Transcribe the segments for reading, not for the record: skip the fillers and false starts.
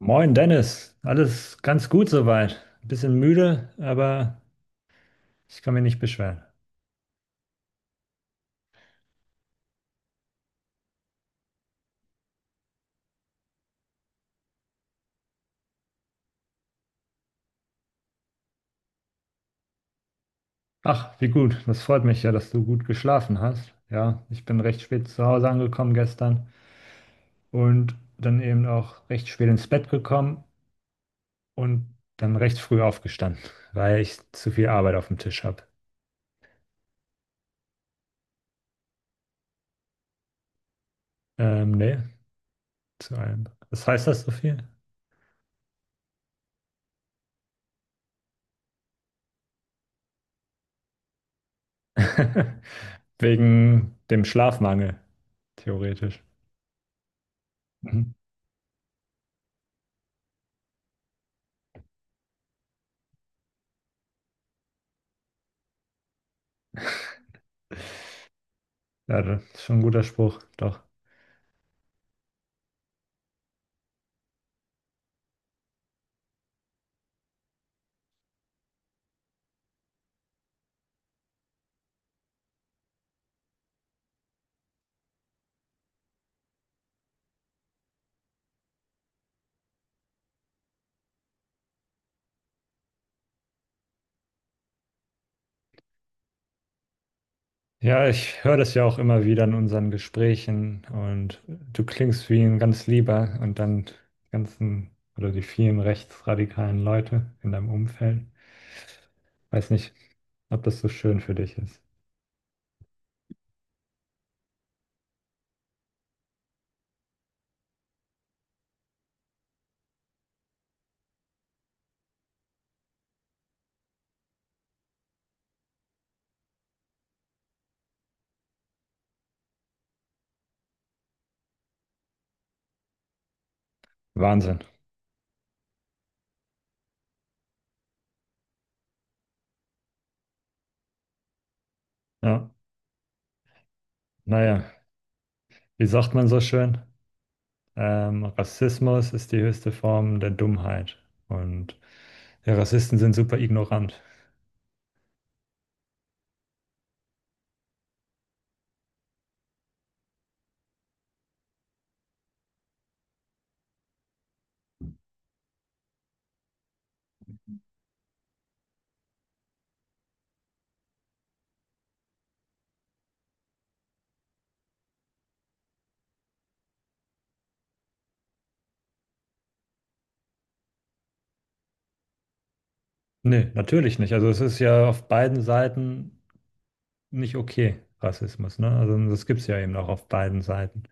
Moin Dennis, alles ganz gut soweit. Ein bisschen müde, aber ich kann mich nicht beschweren. Ach, wie gut, das freut mich ja, dass du gut geschlafen hast. Ja, ich bin recht spät zu Hause angekommen gestern und dann eben auch recht spät ins Bett gekommen und dann recht früh aufgestanden, weil ich zu viel Arbeit auf dem Tisch habe. Nee, zu allem. Was heißt das so viel? Wegen dem Schlafmangel, theoretisch. Mhm. Ja, das ist schon ein guter Spruch, doch. Ja, ich höre das ja auch immer wieder in unseren Gesprächen, und du klingst wie ein ganz lieber und dann die ganzen oder die vielen rechtsradikalen Leute in deinem Umfeld. Weiß nicht, ob das so schön für dich ist. Wahnsinn. Ja, naja, wie sagt man so schön? Rassismus ist die höchste Form der Dummheit, und ja, Rassisten sind super ignorant. Nee, natürlich nicht. Also es ist ja auf beiden Seiten nicht okay, Rassismus, ne? Also das gibt es ja eben auch auf beiden Seiten.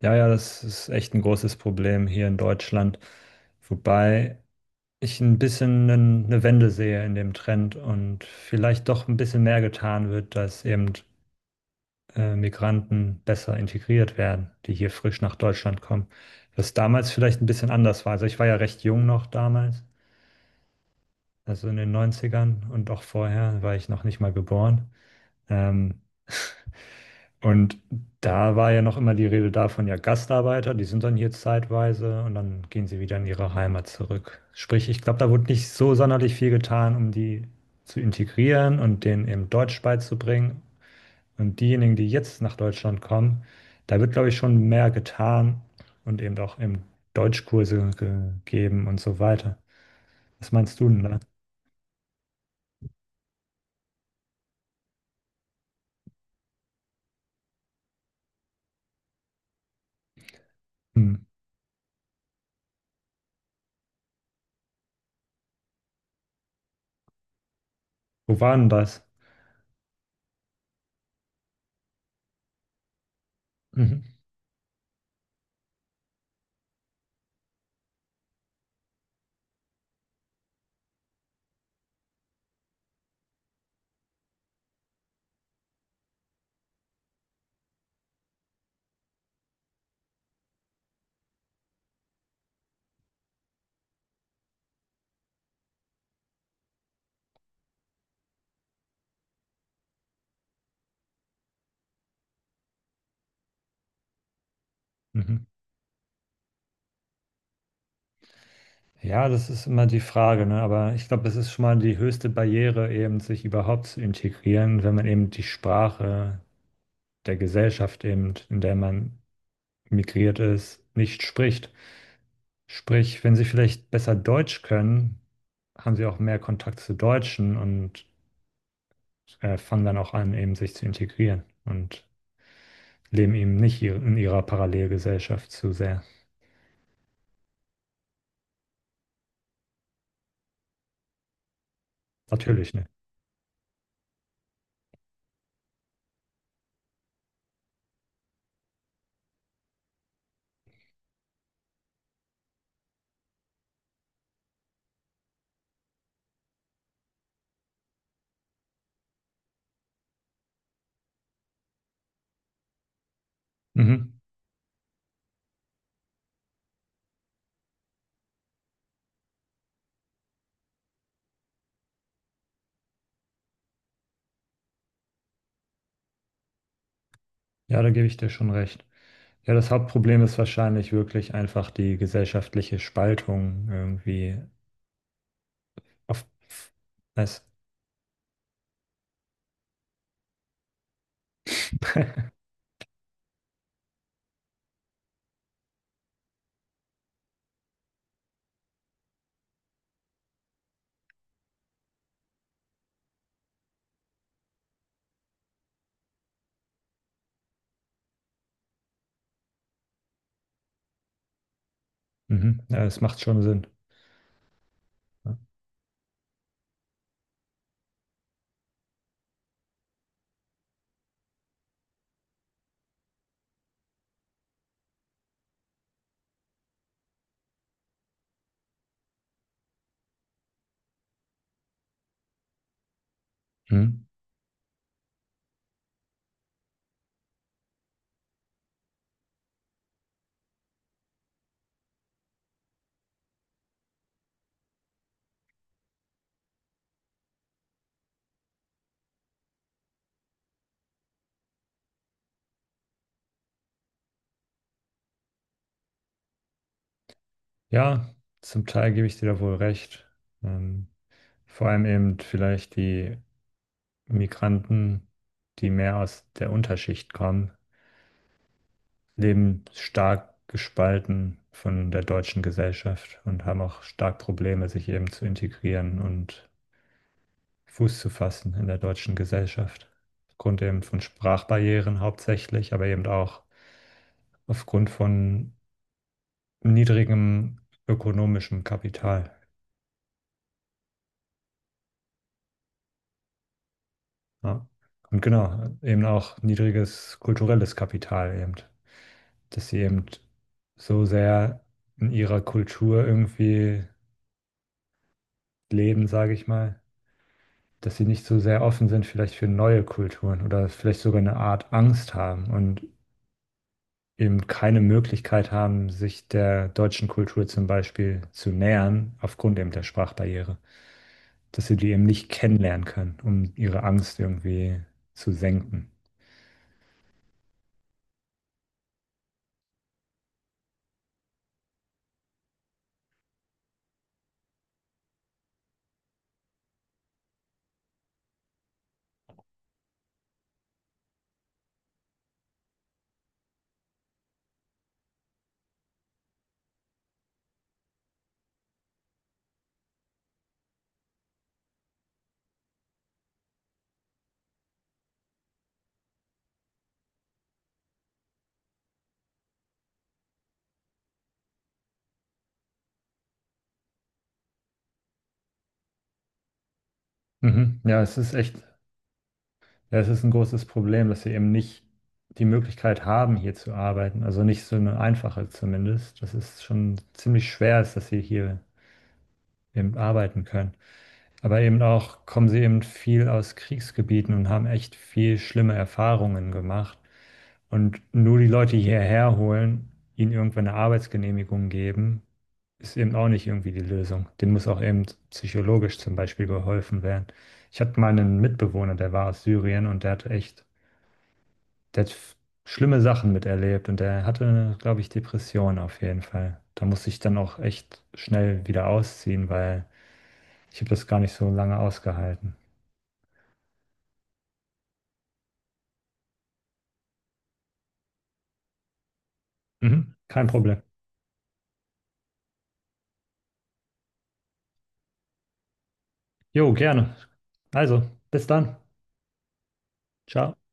Ja, das ist echt ein großes Problem hier in Deutschland, wobei ich ein bisschen eine Wende sehe in dem Trend, und vielleicht doch ein bisschen mehr getan wird, dass eben Migranten besser integriert werden, die hier frisch nach Deutschland kommen. Was damals vielleicht ein bisschen anders war. Also ich war ja recht jung noch damals, also in den Neunzigern, und auch vorher war ich noch nicht mal geboren. Ähm, Und da war ja noch immer die Rede davon, ja, Gastarbeiter, die sind dann hier zeitweise und dann gehen sie wieder in ihre Heimat zurück. Sprich, ich glaube, da wurde nicht so sonderlich viel getan, um die zu integrieren und denen eben Deutsch beizubringen. Und diejenigen, die jetzt nach Deutschland kommen, da wird, glaube ich, schon mehr getan und eben auch Deutschkurse gegeben und so weiter. Was meinst du denn da? Hm. Wo war denn das? Mhm. Mhm. Ja, das ist immer die Frage, ne? Aber ich glaube, das ist schon mal die höchste Barriere, eben sich überhaupt zu integrieren, wenn man eben die Sprache der Gesellschaft eben, in der man migriert ist, nicht spricht. Sprich, wenn sie vielleicht besser Deutsch können, haben sie auch mehr Kontakt zu Deutschen und fangen dann auch an, eben sich zu integrieren und leben eben nicht in ihrer Parallelgesellschaft zu sehr. Natürlich, ne? Mhm. Ja, da gebe ich dir schon recht. Ja, das Hauptproblem ist wahrscheinlich wirklich einfach die gesellschaftliche Spaltung irgendwie. Auf, es, mhm, ja, es macht schon Sinn. Ja. Mhm. Ja, zum Teil gebe ich dir da wohl recht. Ähm, Vor allem eben vielleicht die Migranten, die mehr aus der Unterschicht kommen, leben stark gespalten von der deutschen Gesellschaft und haben auch stark Probleme, sich eben zu integrieren und Fuß zu fassen in der deutschen Gesellschaft. Aufgrund eben von Sprachbarrieren hauptsächlich, aber eben auch aufgrund von niedrigem ökonomischem Kapital. Ja. Und genau, eben auch niedriges kulturelles Kapital eben, dass sie eben so sehr in ihrer Kultur irgendwie leben, sage ich mal, dass sie nicht so sehr offen sind vielleicht für neue Kulturen oder vielleicht sogar eine Art Angst haben und eben keine Möglichkeit haben, sich der deutschen Kultur zum Beispiel zu nähern, aufgrund eben der Sprachbarriere. Dass sie die eben nicht kennenlernen können, um ihre Angst irgendwie zu senken. Mhm. Ja, es ist echt, ja, es ist ein großes Problem, dass sie eben nicht die Möglichkeit haben, hier zu arbeiten. Also nicht so eine einfache zumindest. Das ist schon ziemlich schwer ist, dass sie hier eben arbeiten können. Aber eben auch kommen sie eben viel aus Kriegsgebieten und haben echt viel schlimme Erfahrungen gemacht. Und nur die Leute hierher holen, ihnen irgendwann eine Arbeitsgenehmigung geben, ist eben auch nicht irgendwie die Lösung. Denen muss auch eben psychologisch zum Beispiel geholfen werden. Ich hatte mal einen Mitbewohner, der war aus Syrien, und der hat echt, der hat f- schlimme Sachen miterlebt, und der hatte, glaube ich, Depressionen auf jeden Fall. Da musste ich dann auch echt schnell wieder ausziehen, weil ich habe das gar nicht so lange ausgehalten. Mhm. Kein Problem. Jo, gerne. Also, bis dann. Ciao.